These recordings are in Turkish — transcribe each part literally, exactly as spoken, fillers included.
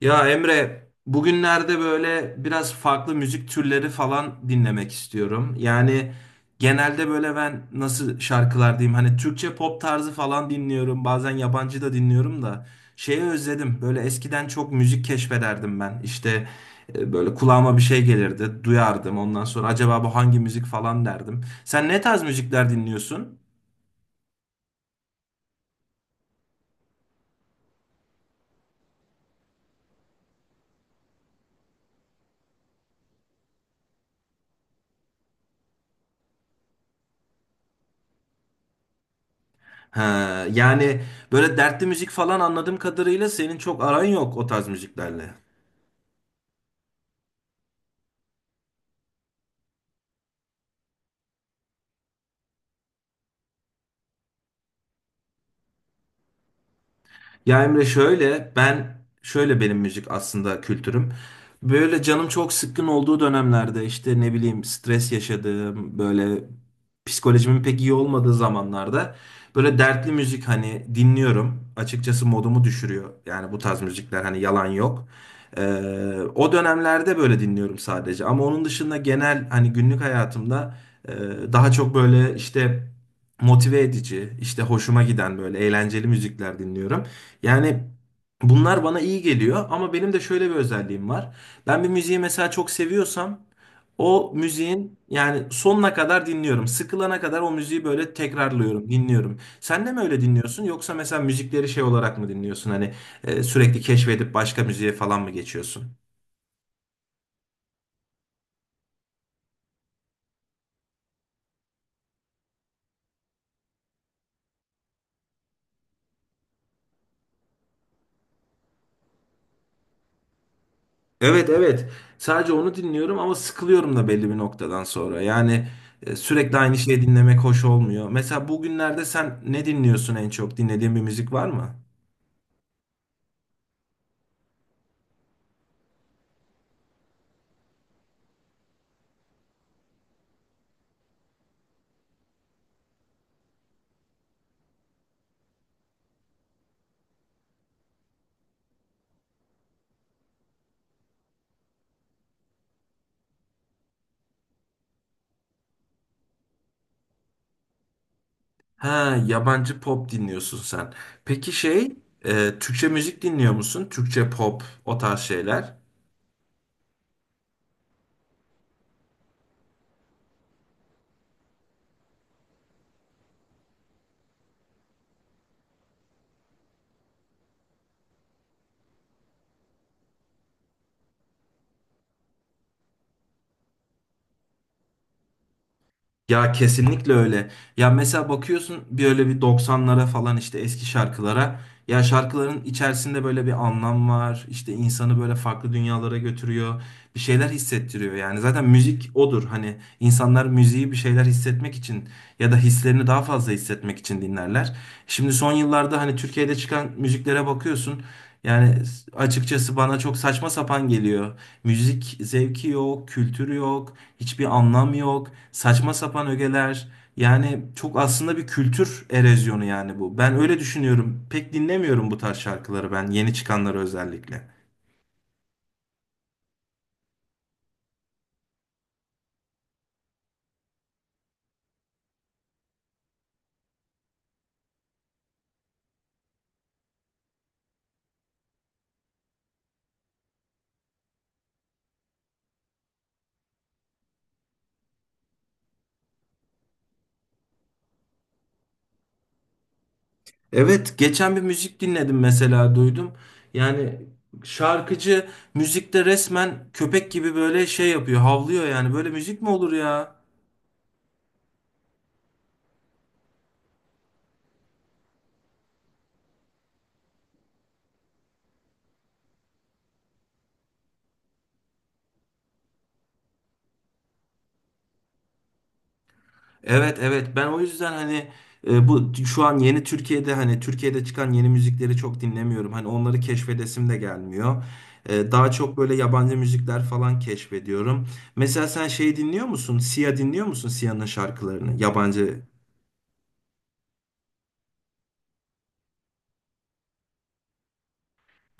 Ya Emre, bugünlerde böyle biraz farklı müzik türleri falan dinlemek istiyorum. Yani genelde böyle ben nasıl şarkılar diyeyim hani Türkçe pop tarzı falan dinliyorum. Bazen yabancı da dinliyorum da şeyi özledim. Böyle eskiden çok müzik keşfederdim ben. İşte e, böyle kulağıma bir şey gelirdi, duyardım. Ondan sonra acaba bu hangi müzik falan derdim. Sen ne tarz müzikler dinliyorsun? Ha, yani böyle dertli müzik falan anladığım kadarıyla senin çok aran yok o tarz müziklerle. Ya Emre şöyle ben şöyle benim müzik aslında kültürüm. Böyle canım çok sıkkın olduğu dönemlerde işte ne bileyim stres yaşadığım böyle psikolojimin pek iyi olmadığı zamanlarda böyle dertli müzik hani dinliyorum. Açıkçası modumu düşürüyor. Yani bu tarz müzikler hani yalan yok. Ee, O dönemlerde böyle dinliyorum sadece. Ama onun dışında genel hani günlük hayatımda e, daha çok böyle işte motive edici, işte hoşuma giden böyle eğlenceli müzikler dinliyorum. Yani bunlar bana iyi geliyor ama benim de şöyle bir özelliğim var. Ben bir müziği mesela çok seviyorsam o müziğin yani sonuna kadar dinliyorum. Sıkılana kadar o müziği böyle tekrarlıyorum, dinliyorum. Sen de mi öyle dinliyorsun yoksa mesela müzikleri şey olarak mı dinliyorsun? Hani e, sürekli keşfedip başka müziğe falan mı geçiyorsun? Evet, evet. Sadece onu dinliyorum ama sıkılıyorum da belli bir noktadan sonra. Yani e, sürekli aynı şeyi dinlemek hoş olmuyor. Mesela bugünlerde sen ne dinliyorsun en çok? Dinlediğin bir müzik var mı? Ha, yabancı pop dinliyorsun sen. Peki şey, e, Türkçe müzik dinliyor musun? Türkçe pop, o tarz şeyler. Ya kesinlikle öyle. Ya mesela bakıyorsun böyle bir doksanlara falan işte eski şarkılara. Ya şarkıların içerisinde böyle bir anlam var. İşte insanı böyle farklı dünyalara götürüyor. Bir şeyler hissettiriyor yani. Zaten müzik odur. Hani insanlar müziği bir şeyler hissetmek için ya da hislerini daha fazla hissetmek için dinlerler. Şimdi son yıllarda hani Türkiye'de çıkan müziklere bakıyorsun. Yani açıkçası bana çok saçma sapan geliyor. Müzik zevki yok, kültürü yok, hiçbir anlam yok, saçma sapan ögeler. Yani çok aslında bir kültür erozyonu yani bu. Ben öyle düşünüyorum. Pek dinlemiyorum bu tarz şarkıları ben, yeni çıkanları özellikle. Evet, geçen bir müzik dinledim mesela duydum. Yani şarkıcı müzikte resmen köpek gibi böyle şey yapıyor, havlıyor yani. Böyle müzik mi olur ya? Evet, evet ben o yüzden hani e, bu t- şu an yeni Türkiye'de hani Türkiye'de çıkan yeni müzikleri çok dinlemiyorum. Hani onları keşfedesim de gelmiyor. E, daha çok böyle yabancı müzikler falan keşfediyorum. Mesela sen şey dinliyor musun? Sia dinliyor musun? Sia'nın şarkılarını yabancı.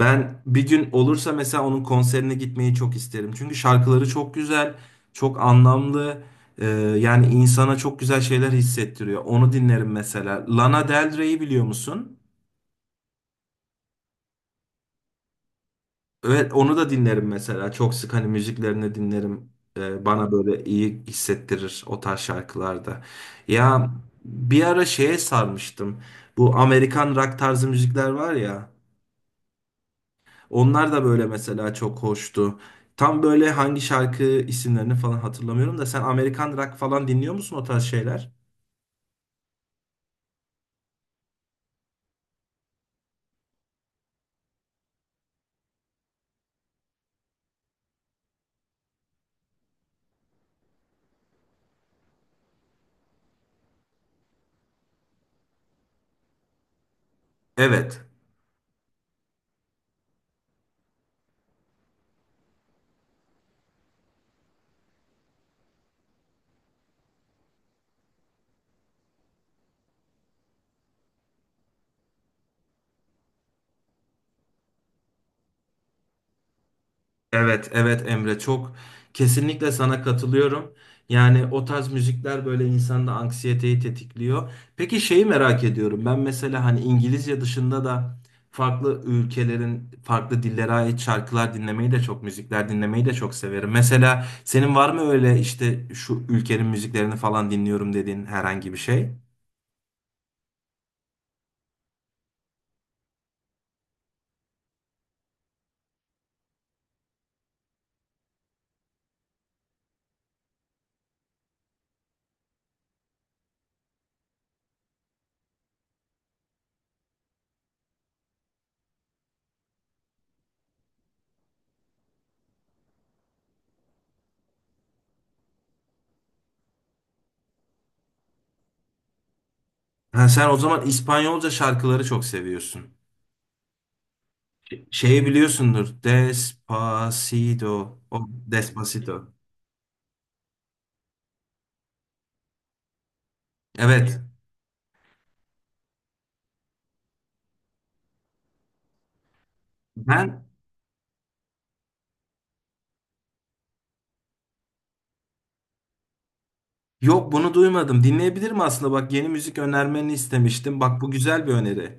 Ben bir gün olursa mesela onun konserine gitmeyi çok isterim. Çünkü şarkıları çok güzel, çok anlamlı. E, Yani insana çok güzel şeyler hissettiriyor. Onu dinlerim mesela. Lana Del Rey'i biliyor musun? Evet, onu da dinlerim mesela. Çok sık hani müziklerini dinlerim. Ee, bana böyle iyi hissettirir o tarz şarkılarda. Ya bir ara şeye sarmıştım. Bu Amerikan rock tarzı müzikler var ya. Onlar da böyle mesela çok hoştu. Tam böyle hangi şarkı isimlerini falan hatırlamıyorum da sen Amerikan rock falan dinliyor musun o tarz şeyler? Evet. Evet, evet Emre çok kesinlikle sana katılıyorum. Yani o tarz müzikler böyle insanda anksiyeteyi tetikliyor. Peki şeyi merak ediyorum. Ben mesela hani İngilizce dışında da farklı ülkelerin farklı dillere ait şarkılar dinlemeyi de çok, müzikler dinlemeyi de çok severim. Mesela senin var mı öyle işte şu ülkenin müziklerini falan dinliyorum dediğin herhangi bir şey? Ha, sen o zaman İspanyolca şarkıları çok seviyorsun. Şeyi biliyorsundur. Despacito. O Despacito. Evet. Ben yok bunu duymadım. Dinleyebilirim aslında. Bak yeni müzik önermeni istemiştim. Bak bu güzel bir öneri.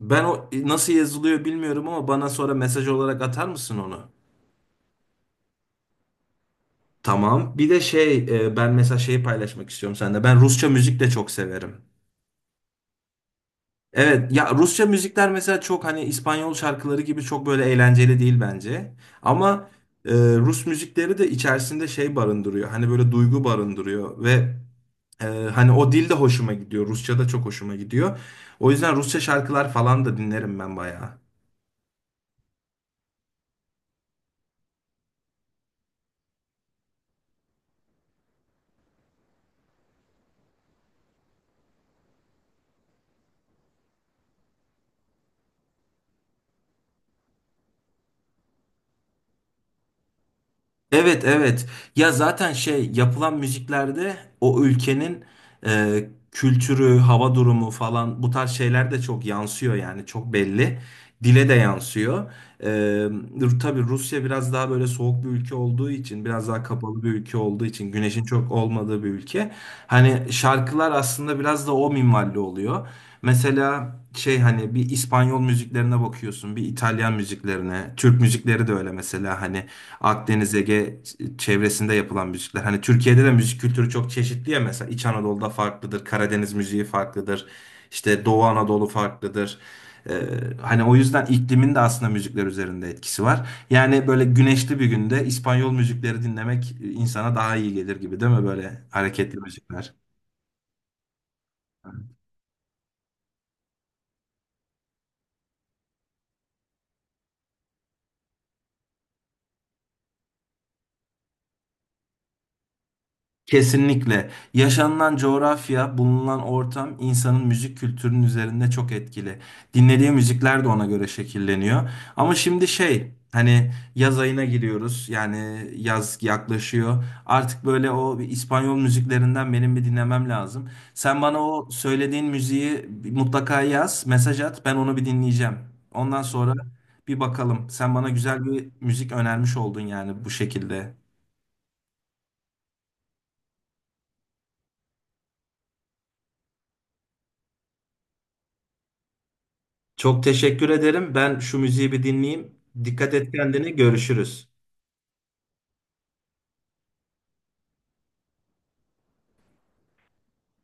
Ben o nasıl yazılıyor bilmiyorum ama bana sonra mesaj olarak atar mısın onu? Tamam. Bir de şey e, ben mesela şeyi paylaşmak istiyorum sende. Ben Rusça müzik de çok severim. Evet ya Rusça müzikler mesela çok hani İspanyol şarkıları gibi çok böyle eğlenceli değil bence. Ama e, Rus müzikleri de içerisinde şey barındırıyor. Hani böyle duygu barındırıyor ve e, hani o dil de hoşuma gidiyor. Rusça da çok hoşuma gidiyor. O yüzden Rusça şarkılar falan da dinlerim ben bayağı. Evet, evet. Ya zaten şey yapılan müziklerde o ülkenin e, kültürü, hava durumu falan bu tarz şeyler de çok yansıyor yani çok belli. Dile de yansıyor. E, tabii Rusya biraz daha böyle soğuk bir ülke olduğu için, biraz daha kapalı bir ülke olduğu için, güneşin çok olmadığı bir ülke. Hani şarkılar aslında biraz da o minvalli oluyor. Mesela şey hani bir İspanyol müziklerine bakıyorsun, bir İtalyan müziklerine, Türk müzikleri de öyle mesela hani Akdeniz Ege çevresinde yapılan müzikler. Hani Türkiye'de de müzik kültürü çok çeşitli ya mesela İç Anadolu'da farklıdır, Karadeniz müziği farklıdır, işte Doğu Anadolu farklıdır. Ee, Hani o yüzden iklimin de aslında müzikler üzerinde etkisi var. Yani böyle güneşli bir günde İspanyol müzikleri dinlemek insana daha iyi gelir gibi değil mi böyle hareketli müzikler? Kesinlikle. Yaşanılan coğrafya, bulunan ortam insanın müzik kültürünün üzerinde çok etkili. Dinlediği müzikler de ona göre şekilleniyor. Ama şimdi şey, hani yaz ayına giriyoruz. Yani yaz yaklaşıyor. Artık böyle o bir İspanyol müziklerinden benim bir dinlemem lazım. Sen bana o söylediğin müziği mutlaka yaz, mesaj at. Ben onu bir dinleyeceğim. Ondan sonra bir bakalım. Sen bana güzel bir müzik önermiş oldun yani bu şekilde. Çok teşekkür ederim. Ben şu müziği bir dinleyeyim. Dikkat et kendine. Görüşürüz.